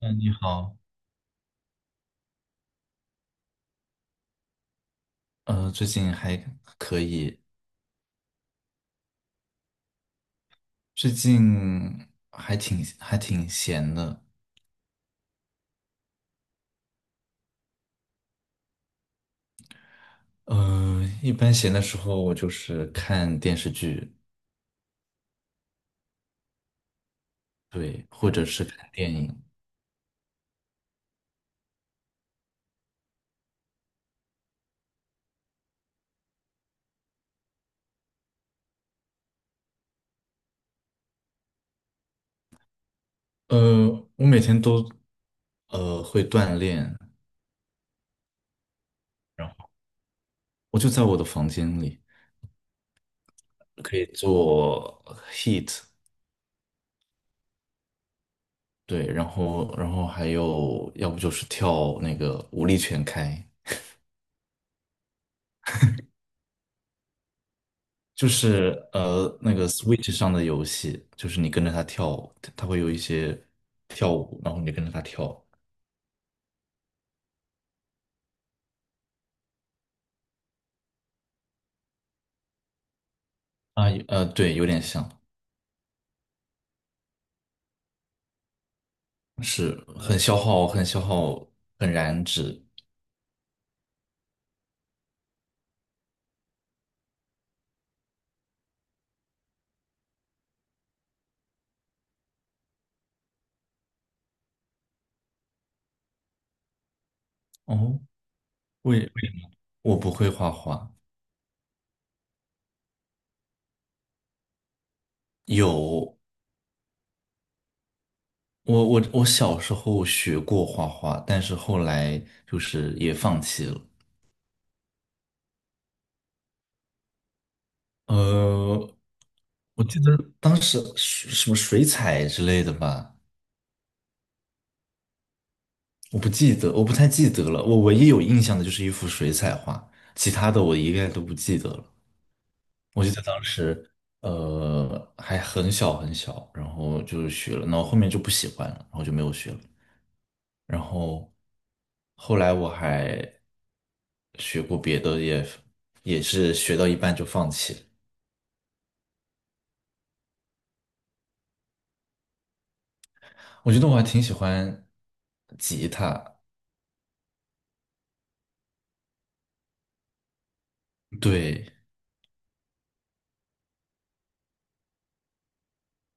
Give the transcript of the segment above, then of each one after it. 嗯，你好，最近还可以，最近还挺闲的。一般闲的时候我就是看电视剧。对，或者是看电影。呃，我每天都会锻炼。然后我就在我的房间里可以做 HEAT。 对，然后还有要不就是跳那个舞力全开。就是那个 Switch 上的游戏，就是你跟着它跳舞，它会有一些跳舞，然后你跟着它跳。啊，对，有点像。是很消耗，很消耗，很燃脂。哦，为什么我不会画画。有，我小时候学过画画，但是后来就是也放弃了。呃，我记得当时水什么水彩之类的吧。我不记得，我不太记得了。我唯一有印象的就是一幅水彩画，其他的我一概都不记得了。我记得当时，还很小很小，然后就学了，然后后面就不喜欢了，然后就没有学了。然后后来我还学过别的也是学到一半就放弃了。我觉得我还挺喜欢吉他。对。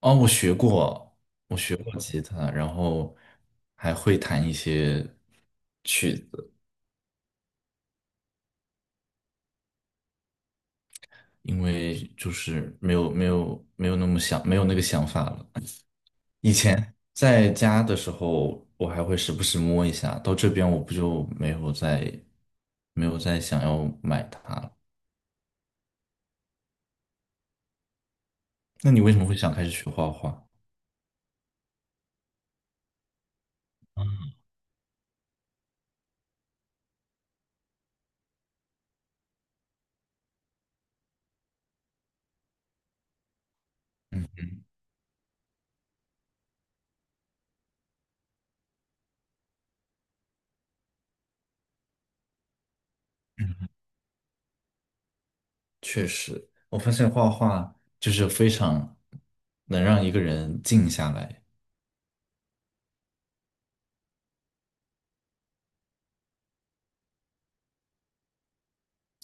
哦，我学过吉他，然后还会弹一些曲子。因为就是没有那么想，没有那个想法了。以前在家的时候，我还会时不时摸一下，到这边我不就没有再想要买它了。那你为什么会想开始学画画？嗯，确实，我发现画画就是非常能让一个人静下来。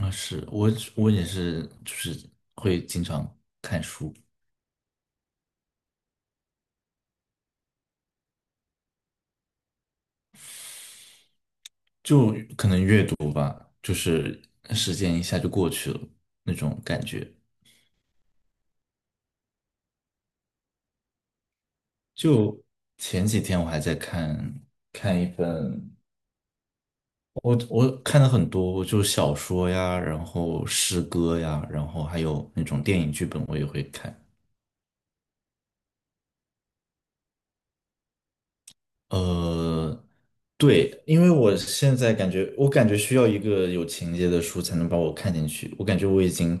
啊，是，我也是，就是会经常看书。就可能阅读，就是时间一下就过去了那种感觉。就前几天我还在看一本，我看了很多，就小说呀，然后诗歌呀，然后还有那种电影剧本，我也会看。呃，对，因为我感觉需要一个有情节的书才能把我看进去。我感觉我已经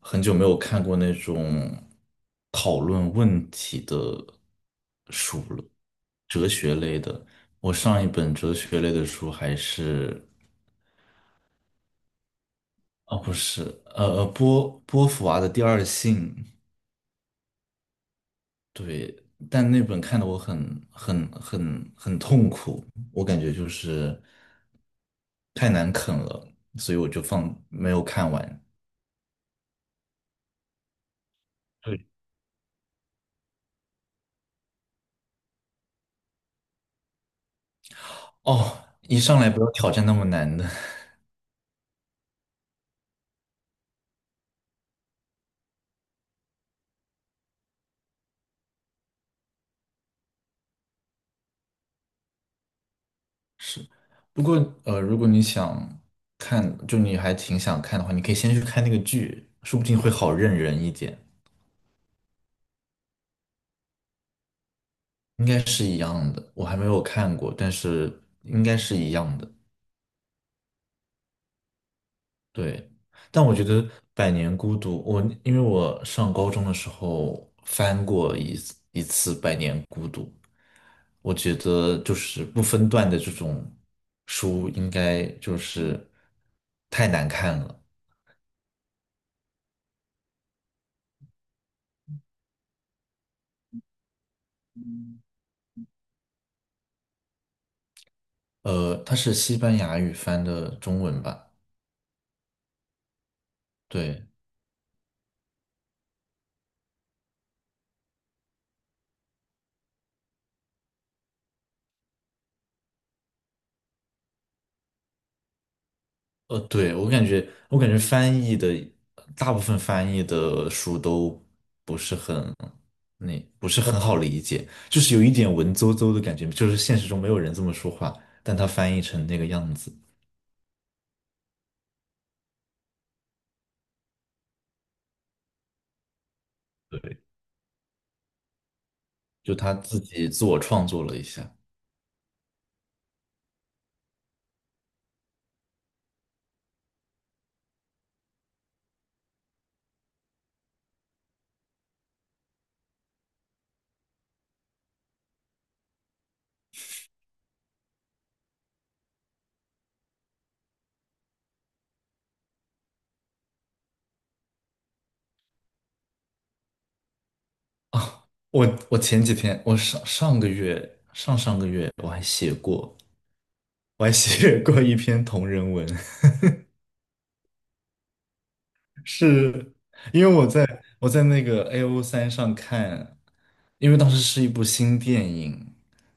很久没有看过那种讨论问题的。我上一本哲学类的书还是，哦，不是，波伏娃的《第二性》。对，但那本看的我很痛苦，我感觉就是太难啃了，所以我就放没有看完。哦，一上来不要挑战那么难的。是，不过如果你想看，就你还挺想看的话，你可以先去看那个剧，说不定会好认人一点。应该是一样的，我还没有看过，但是应该是一样的。对，但我觉得《百年孤独》，因为我上高中的时候翻过一次《百年孤独》，我觉得就是不分段的这种书应该就是太难看了。它是西班牙语翻的中文吧？对，对，我感觉翻译的大部分翻译的书都不是很，那不是很好理解，就是有一点文绉绉的感觉，就是现实中没有人这么说话，但他翻译成那个样子。对，就他自己自我创作了一下。我前几天，我上上个月我还写过一篇同人文。是因为我在那个 AO3 三上看，因为当时是一部新电影，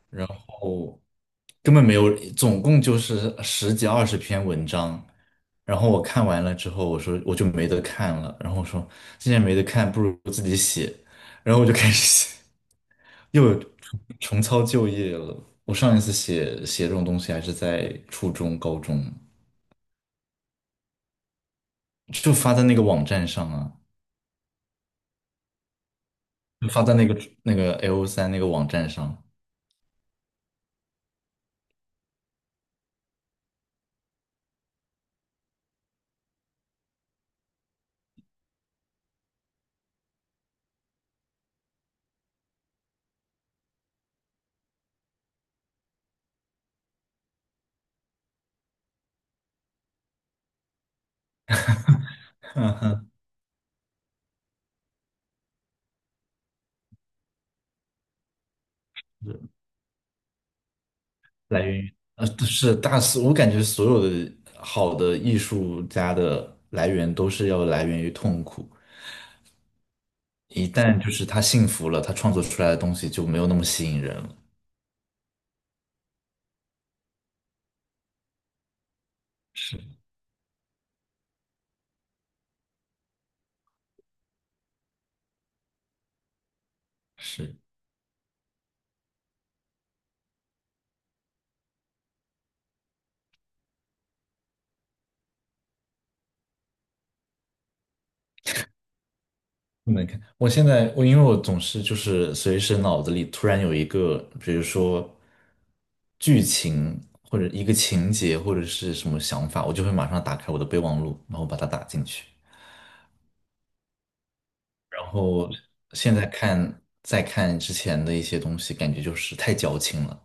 然后根本没有，总共就是十几二十篇文章。然后我看完了之后，我说我就没得看了。然后我说既然没得看，不如自己写。然后我就开始写，又有重操旧业了。我上一次写这种东西还是在初中、高中，就发在那个网站上啊。就发在那个 LO3那个网站上。哼哼，是来源于都是大师，我感觉所有的好的艺术家的来源都是要来源于痛苦。一旦就是他幸福了，他创作出来的东西就没有那么吸引人了。是是，不能看。我现在我因为我总是就是随时脑子里突然有一个，比如说剧情或者一个情节或者是什么想法，我就会马上打开我的备忘录，然后把它打进去。然后现在看再看之前的一些东西，感觉就是太矫情了。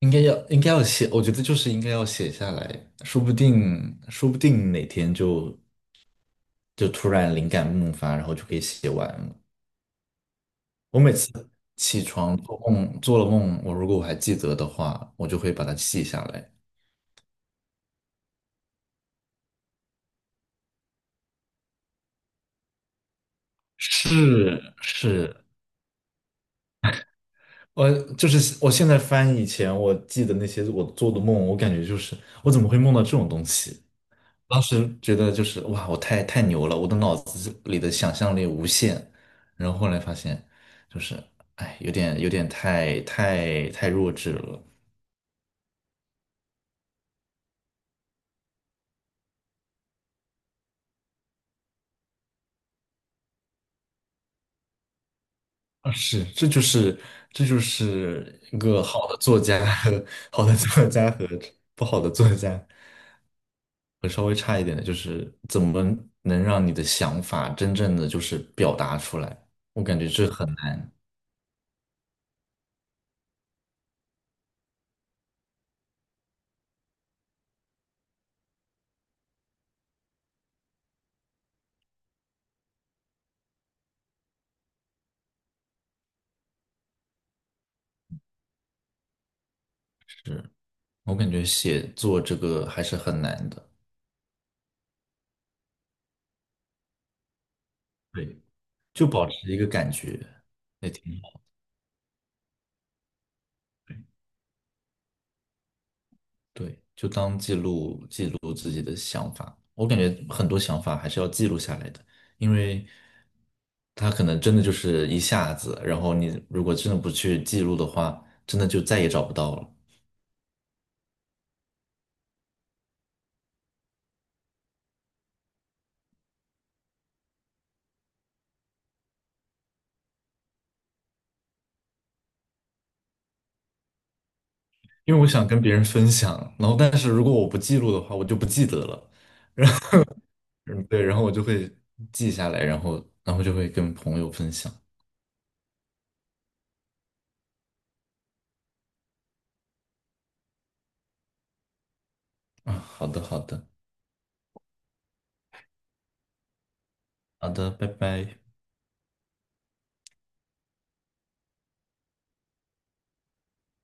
应该要写，我觉得就是应该要写下来，说不定哪天就突然灵感迸发，然后就可以写完了。我每次起床做了梦，我如果我还记得的话，我就会把它记下来。是是，我就是我现在翻以前我记得那些我做的梦，我感觉就是我怎么会梦到这种东西？当时觉得就是哇，我太牛了，我的脑子里的想象力无限。然后后来发现，就是哎，有点太弱智了。啊，是，这就是一个好的作家和不好的作家，和稍微差一点的，就是怎么能让你的想法真正的就是表达出来？我感觉这很难。是，我感觉写作这个还是很难的。对。就保持一个感觉也挺好的。对，就当记录记录自己的想法。我感觉很多想法还是要记录下来的，因为它可能真的就是一下子，然后你如果真的不去记录的话，真的就再也找不到了。因为我想跟别人分享，然后但是如果我不记录的话，我就不记得了。嗯，对，然后我就会记下来，然后就会跟朋友分享。啊，好的，好的，好的，拜拜。